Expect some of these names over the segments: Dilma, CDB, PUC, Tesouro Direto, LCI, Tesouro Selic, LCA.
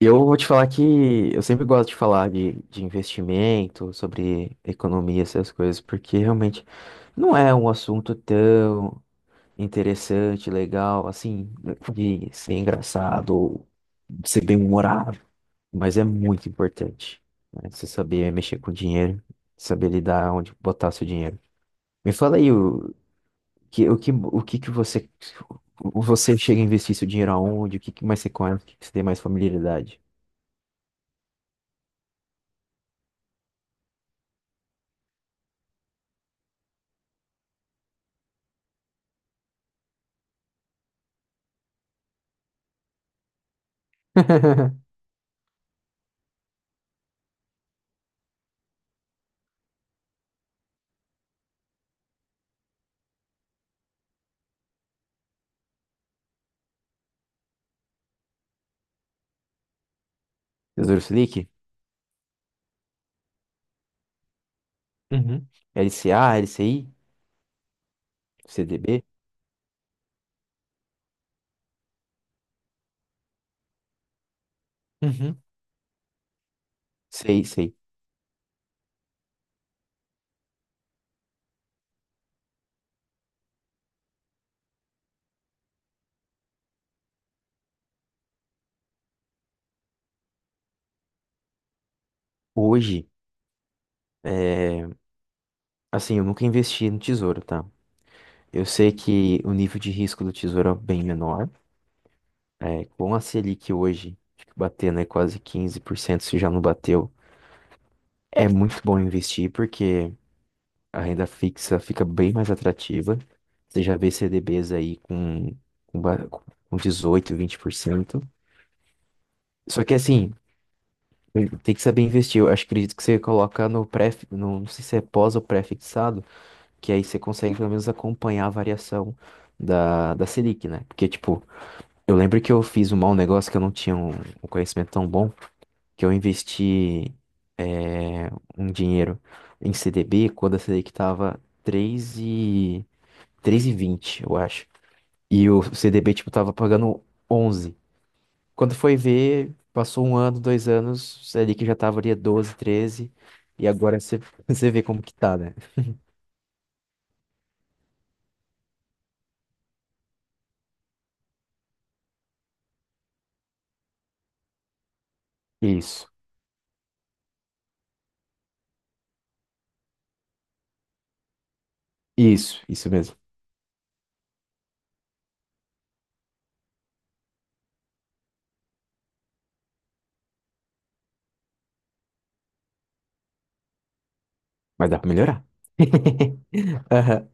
E eu vou te falar que eu sempre gosto de falar de investimento, sobre economia, essas coisas, porque realmente não é um assunto tão interessante, legal, assim, de ser engraçado ou de ser bem-humorado, mas é muito importante, né? Você saber mexer com dinheiro, saber lidar onde botar seu dinheiro. Me fala aí o que, o que, o que que você, você chega a investir seu dinheiro aonde, o que que mais você conhece, o que que você tem mais familiaridade? Tesouro Selic? Uhum, LCA, LCI, CDB? Uhum, sei, sei. Hoje, é, assim, eu nunca investi no tesouro, tá? Eu sei que o nível de risco do tesouro é bem menor. É, com a Selic hoje, acho que batendo aí quase 15%, se já não bateu, é muito bom investir porque a renda fixa fica bem mais atrativa. Você já vê CDBs aí com dezoito, vinte por cento. Só que assim, tem que saber investir. Eu acho, acredito que você coloca no pré, no, não sei se é pós ou pré-fixado, que aí você consegue pelo menos acompanhar a variação da Selic, né? Porque, tipo, eu lembro que eu fiz um mau negócio que eu não tinha um conhecimento tão bom, que eu investi eh, um dinheiro em CDB quando a Selic tava três e vinte, eu acho. E o CDB, tipo, tava pagando onze, quando foi ver, passou um ano, dois anos, você ali que já tava ali há 12, 13, e agora você, você vê como que tá, né? Isso, isso mesmo. Mas dá pra melhorar. Aham.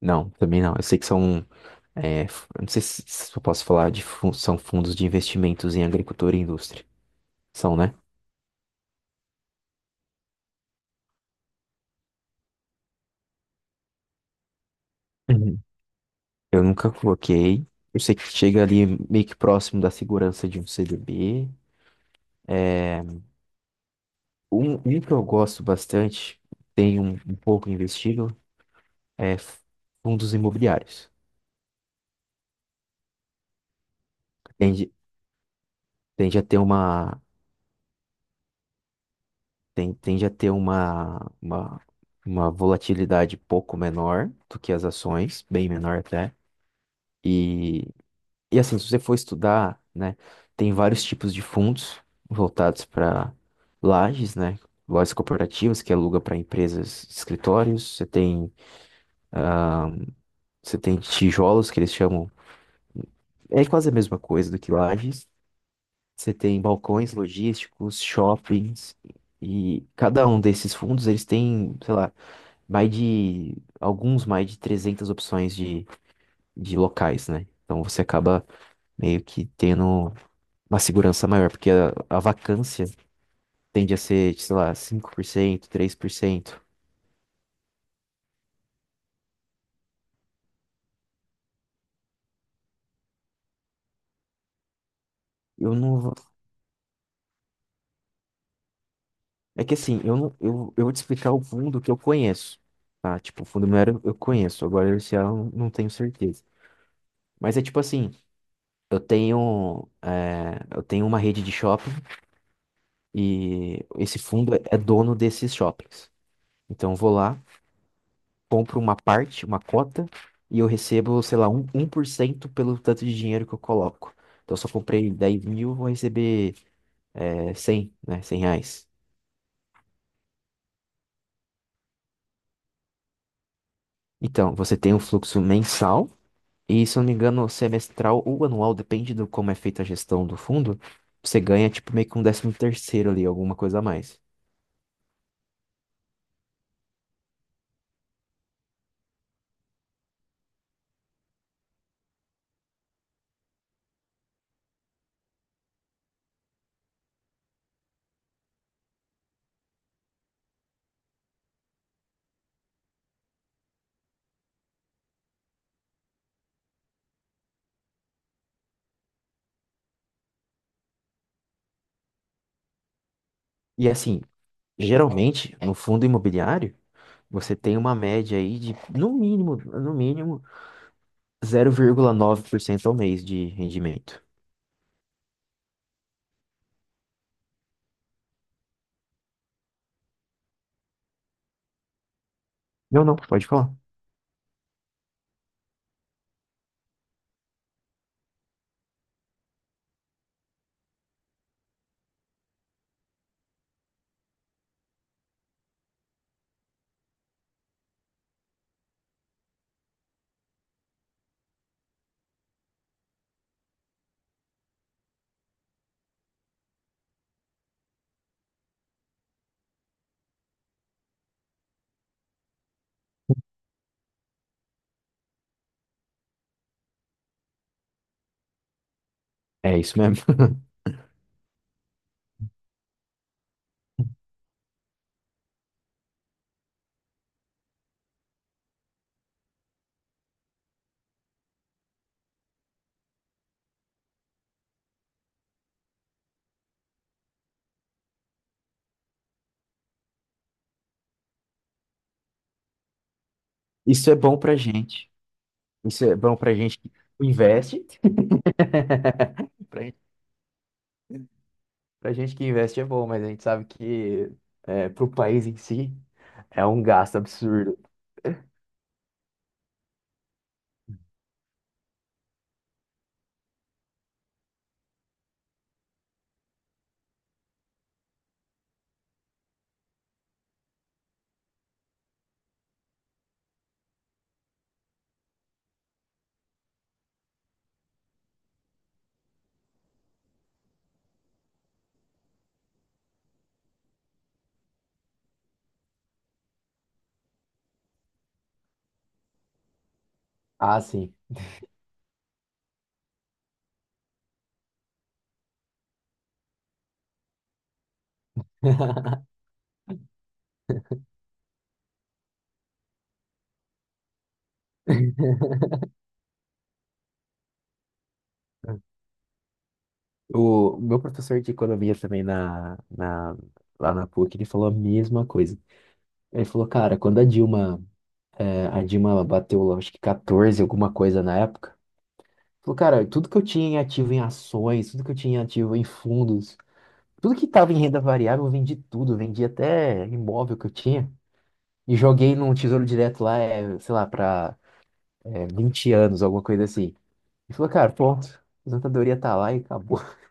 Não, também não. Eu sei que são. Eu não sei se eu posso falar de fun- são fundos de investimentos em agricultura e indústria. São, né? Uhum. Eu nunca coloquei. Eu sei que chega ali meio que próximo da segurança de um CDB. Um que eu gosto bastante, tem um pouco investido, é f- fundos imobiliários. Tende, tende a ter uma, tende a ter uma volatilidade pouco menor do que as ações, bem menor até. E, e assim, se você for estudar, né, tem vários tipos de fundos voltados para lajes, né? Lojas corporativas que aluga para empresas, escritórios, você tem tijolos que eles chamam é quase a mesma coisa do que lajes. Você tem balcões logísticos, shoppings, e cada um desses fundos, eles têm, sei lá, mais de, alguns mais de 300 opções de locais, né? Então você acaba meio que tendo uma segurança maior, porque a vacância tende a ser, sei lá, cinco por cento, três por cento. Eu não... vou- É que assim, eu não, eu vou te explicar o fundo que eu conheço, tá? Tipo, o fundo imobiliário eu conheço, agora esse ano eu não tenho certeza. Mas é tipo assim, eu tenho, eu tenho uma rede de shopping e esse fundo é dono desses shoppings. Então eu vou lá, compro uma parte, uma cota, e eu recebo, sei lá, um por cento pelo tanto de dinheiro que eu coloco. Então se eu só comprei 10 mil, vou receber 100, né? Cem reais. Então, você tem um fluxo mensal e, se eu não me engano, semestral ou anual, depende do como é feita a gestão do fundo, você ganha tipo meio que um décimo terceiro ali, alguma coisa a mais. E assim, geralmente, no fundo imobiliário, você tem uma média aí de, no mínimo, zero vírgula nove por cento ao mês de rendimento. Não, não, pode falar. É isso mesmo. Isso é bom pra gente. Isso é bom pra gente que investe. Pra, gen- Pra gente que investe é bom, mas a gente sabe que é, pro país em si é um gasto absurdo. Ah, sim. O meu professor de economia também lá na PUC, ele falou a mesma coisa. Ele falou, cara, quando a Dilma, a Dilma bateu, lá, acho que 14, alguma coisa na época, falou, cara, tudo que eu tinha em ativo em ações, tudo que eu tinha em ativo em fundos, tudo que tava em renda variável, eu vendi tudo, eu vendi até imóvel que eu tinha e joguei num tesouro direto lá, sei lá, pra 20 anos, alguma coisa assim. Ele falou, cara, pronto, a aposentadoria tá lá e acabou.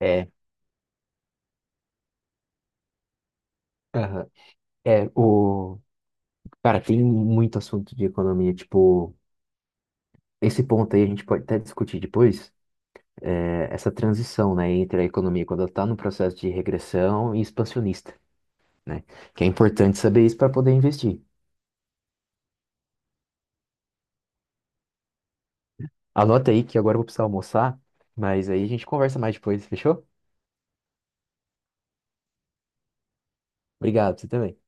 É, aham. é, o... Cara, tem muito assunto de economia, tipo, esse ponto aí a gente pode até discutir depois, essa transição, né, entre a economia quando ela está no processo de regressão e expansionista, né? Que é importante saber isso para poder investir. Anota aí que agora eu vou precisar almoçar, mas aí a gente conversa mais depois, fechou? Obrigado, você também.